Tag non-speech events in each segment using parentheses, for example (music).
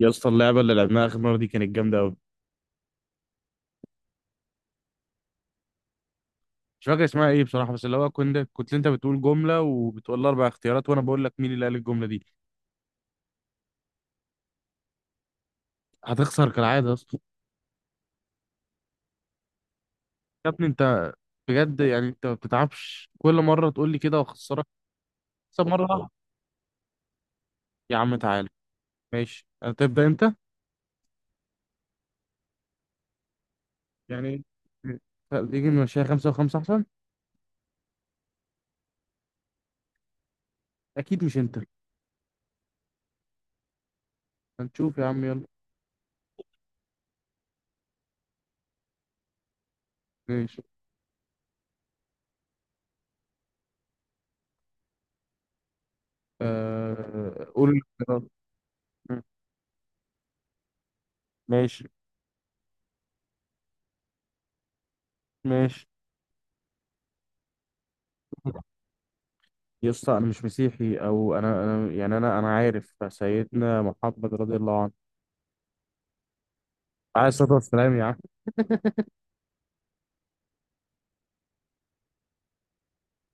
يا اسطى، اللعبه اللي لعبناها اخر مره دي كانت جامده قوي. مش فاكر اسمها ايه بصراحه، بس اللي هو كنت انت بتقول جمله وبتقول لي اربع اختيارات وانا بقول لك مين اللي قال الجمله دي. هتخسر كالعاده يا اسطى. يا ابني انت. بجد يعني انت ما بتتعبش كل مره تقول لي كده واخسرك. اكسب مره واحدة. يا عم تعالى. ماشي، هتبدا انت. يعني تيجي نمشيها خمسه وخمسه احسن. اكيد مش انت. هنشوف يا عم، يلا. ماشي. آه، قول الاختيارات. ماشي. ماشي. يا اسطى، انا مش مسيحي، او انا يعني انا عارف سيدنا محمد رضي الله عنه، عليه الصلاه والسلام يا عم.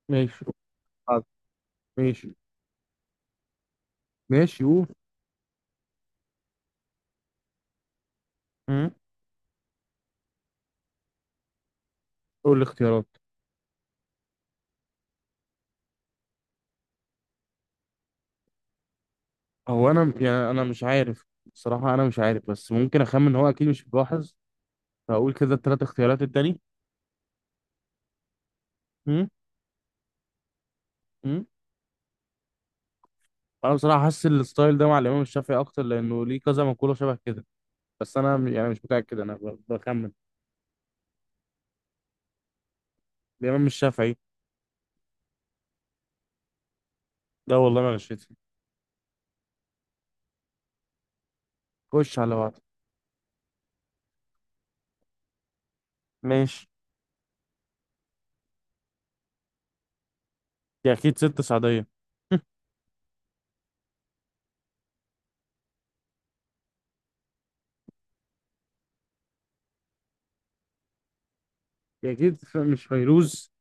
ماشي. ماشي. ماشي قول. امم. قول الاختيارات. هو انا يعني انا مش عارف. الصراحه انا مش عارف، بس ممكن اخمن إن هو اكيد مش ملاحظ، فاقول كده الثلاث اختيارات التاني. امم. امم. انا بصراحه حاسس الستايل ده مع الامام الشافعي اكتر، لانه ليه كذا مقوله شبه كده. بس انا يعني مش متاكد، انا بخمن. الامام الشافعي. ده والله ما غشيت. خش على بعض. ماشي. دي اكيد ست سعدية. (laughs) دي اكيد مش فيروز.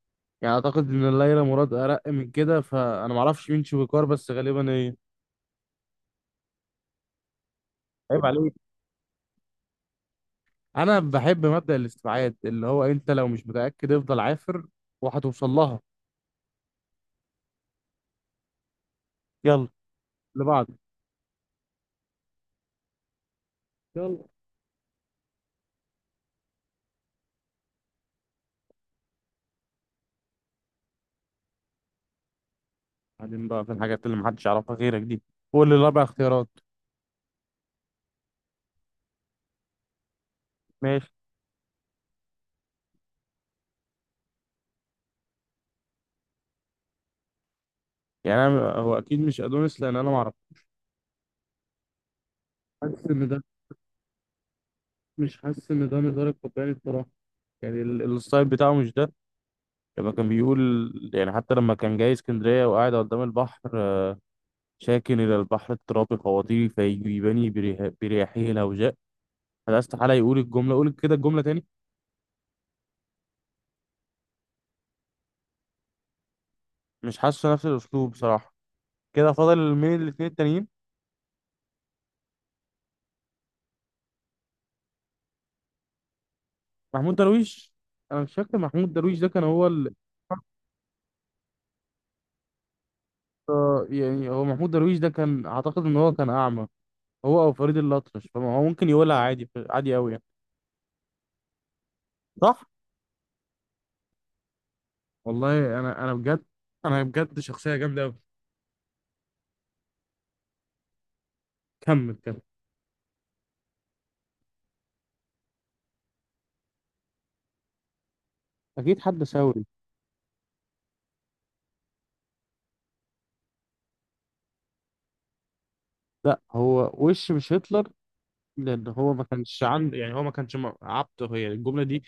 يعني اعتقد ان ليلى مراد ارق من كده، فانا ما اعرفش مين شويكار بس غالبا هي. عيب عليك. انا بحب مبدأ الاستبعاد، اللي هو انت لو مش متأكد افضل عافر، وهتوصل لها. يلا. لبعض. يلا. بعدين بقى في الحاجات اللي محدش يعرفها غيرك دي. قول لي الاربع اختيارات. ماشي. يعني انا، هو اكيد مش ادونيس لان انا ما اعرف. حاسس ان ده. مش حاسس ان ده نزار القباني بصراحه. يعني الستايل بتاعه مش ده. لما كان بيقول، يعني حتى لما كان جاي اسكندرية وقاعد قدام البحر، شاكن إلى البحر اضطرابي خواطري فيجيبني برياحه الهوجاء. هذا استحالة يقول الجملة. قول كده الجملة تاني. مش حاسس نفس الأسلوب بصراحة. كده فاضل مين الاتنين التانيين. محمود درويش. أنا مش فاكر، محمود درويش ده كان هو. آه، يعني هو محمود درويش ده كان أعتقد إن هو كان أعمى، هو أو فريد الأطرش، فهو ممكن يقولها عادي عادي أوي يعني. صح؟ والله انا بجد. انا بجد شخصيه جامده قوي. كمل كمل. اكيد حد ثوري. لا، هو وش مش هتلر، لان هو ما كانش عنده، يعني هو ما كانش عبد. هي الجمله دي،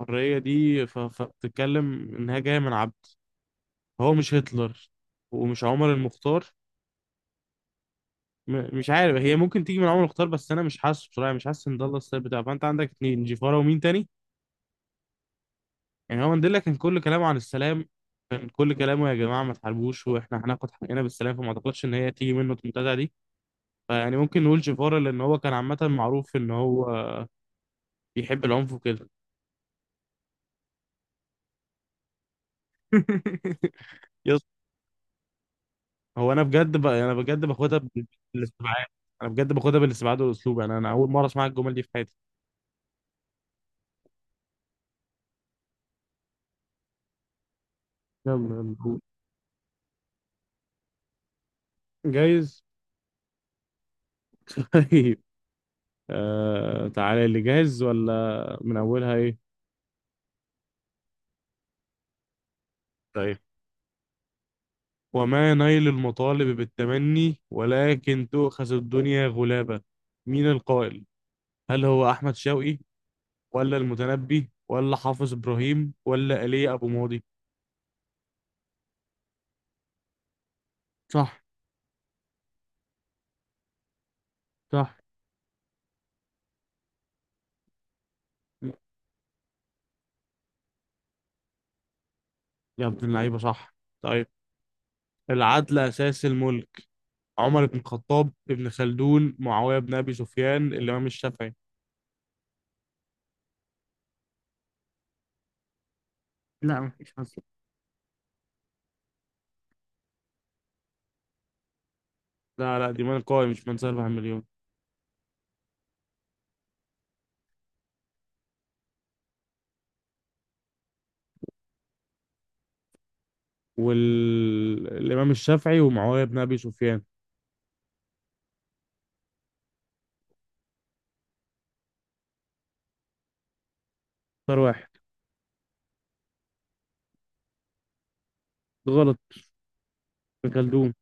الحريه دي، فبتتكلم انها جايه من عبد. هو مش هتلر، ومش عمر المختار. مش عارف، هي ممكن تيجي من عمر المختار بس انا مش حاسه بصراحه، يعني مش حاسس ان ده الله السبب بتاعه. فانت عندك اتنين، جيفارا ومين تاني. يعني هو مانديلا كان كل كلامه عن السلام. كان كل كلامه يا جماعه ما تحاربوش، واحنا هناخد حقنا بالسلام، فما اعتقدش ان هي تيجي منه المنتزه دي. فيعني ممكن نقول جيفارا، لان هو كان عامه معروف ان هو بيحب العنف وكده. (laughs) يس. هو انا بجد انا بجد باخدها بالاستبعاد. انا بجد باخدها بالاستبعاد والاسلوب. انا انا اول مره اسمع الجمل دي في حياتي. يلا يلا قول. جايز. (laughs) طيب. آه، تعالى اللي جاهز ولا من اولها ايه. طيب. وما نيل المطالب بالتمني، ولكن تؤخذ الدنيا غلابة. مين القائل؟ هل هو احمد شوقي، ولا المتنبي، ولا حافظ ابراهيم، ولا ايليا ابو ماضي؟ صح. صح. يا ابن اللعيبه صح. طيب. العدل أساس الملك. عمر بن الخطاب، ابن خلدون، معاوية بن أبي سفيان، الإمام الشافعي. لا مفيش أصلا. لا لا، دي من قوي، مش من سيرفع مليون. والإمام الشافعي ومعاوية بن أبي سفيان. اختار واحد. غلط. ابن خلدون.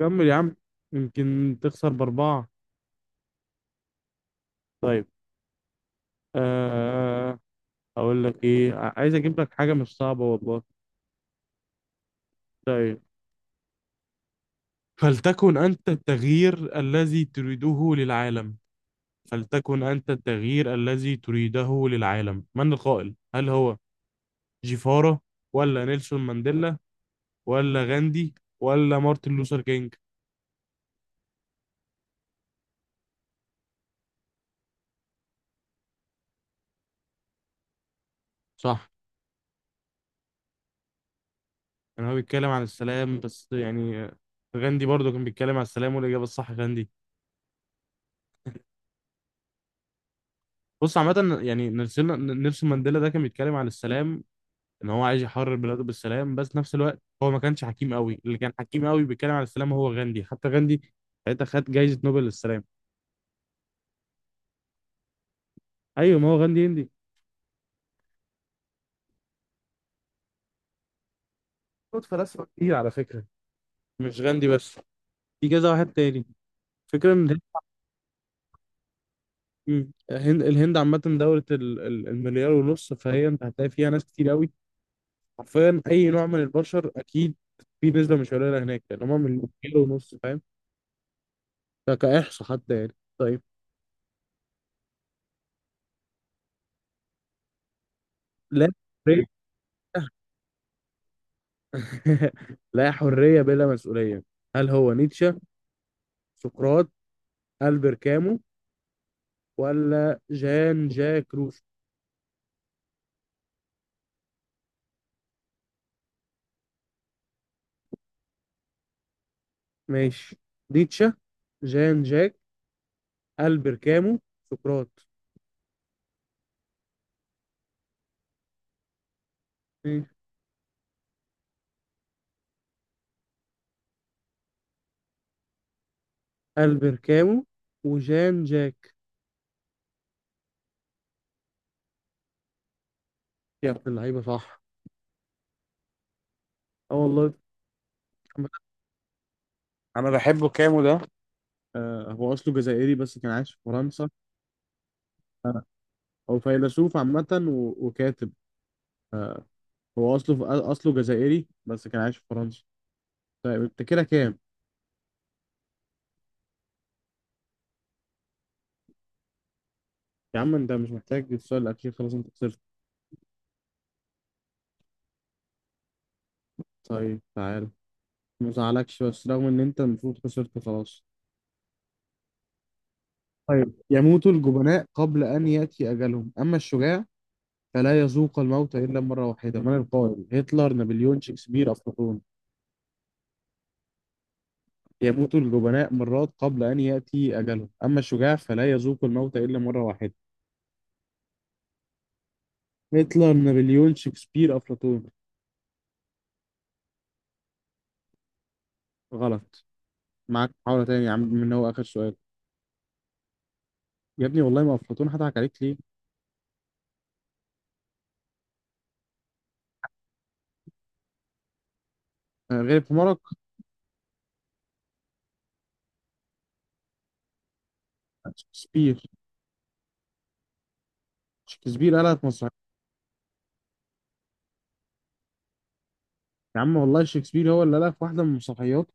كمل يا عم. يمكن تخسر بأربعة. طيب. آه. أقول لك إيه، عايز أجيب لك حاجة مش صعبة والله. طيب. فلتكن أنت التغيير الذي تريده للعالم. فلتكن أنت التغيير الذي تريده للعالم، من القائل؟ هل هو جيفارا، ولا نيلسون مانديلا، ولا غاندي، ولا مارتن لوثر كينج؟ صح. يعني هو بيتكلم عن السلام بس، يعني غاندي برضه كان بيتكلم عن السلام. والإجابة الصح غاندي. بص، عامة يعني نيلسون، نيلسون مانديلا ده كان بيتكلم عن السلام، ان هو عايز يحرر بلاده بالسلام. بس نفس الوقت هو ما كانش حكيم قوي. اللي كان حكيم قوي بيتكلم عن السلام هو غاندي. حتى غاندي ساعتها خد جايزة نوبل للسلام. ايوه، ما هو غاندي هندي. خد فلاسفة كتير على فكرة، مش غاندي بس، في كذا واحد تاني. فكرة ان الهند. مم. الهند الهند عامة دولة المليار ونص، فهي انت هتلاقي فيها ناس كتير قوي. حرفيا اي نوع من البشر اكيد في نسبة مش قليلة هناك، يعني هما من مليار ونص، فاهم؟ ده كإحصاء حتى، يعني طيب. لا حرية. (laughs) لا حرية بلا مسؤولية. هل هو نيتشه، سقراط، ألبر كامو، ولا جان جاك روسو؟ ماشي. نيتشه. جان جاك. ألبر كامو. سقراط. البركامو وجان جاك. يا ابن اللعيبه صح. اه والله. انا بحبه كامو ده. آه، هو اصله جزائري بس كان عايش في فرنسا. آه. هو فيلسوف عامة وكاتب. آه. هو اصله اصله جزائري بس كان عايش في فرنسا. طيب انت كده كام؟ يا عم، انت مش محتاج السؤال الاخير، خلاص انت خسرت. طيب تعال. ما زعلكش، بس رغم ان انت المفروض خسرت خلاص. طيب. يموت الجبناء قبل ان ياتي اجلهم، اما الشجاع فلا يذوق الموت إلا مرة واحدة، من القائل؟ هتلر، نابليون، شكسبير، أفلاطون. يموت الجبناء مرات قبل أن يأتي أجلهم، أما الشجاع فلا يذوق الموت إلا مرة واحدة. هتلر، نابليون، شكسبير، أفلاطون. غلط. معاك محاولة تانية يا عم، من هو آخر سؤال. يا ابني والله ما أفلاطون، هضحك عليك ليه؟ آه، غير في مرق. شكسبير. شكسبير ألف مسرحية. يا عم والله شكسبير هو اللي ألف واحدة من مسرحياته.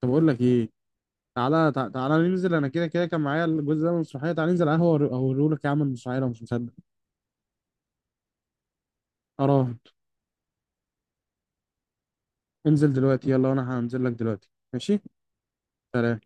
طب أقول لك إيه، تعالى تعالى ننزل. أنا كده كده كان معايا الجزء ده من المسرحية. تعالى ننزل قهوة أوريهولك يا عم المسرحية لو مش مصدق. أراهن. انزل دلوقتي، يلا. أنا هنزل لك دلوقتي، ماشي. سلام.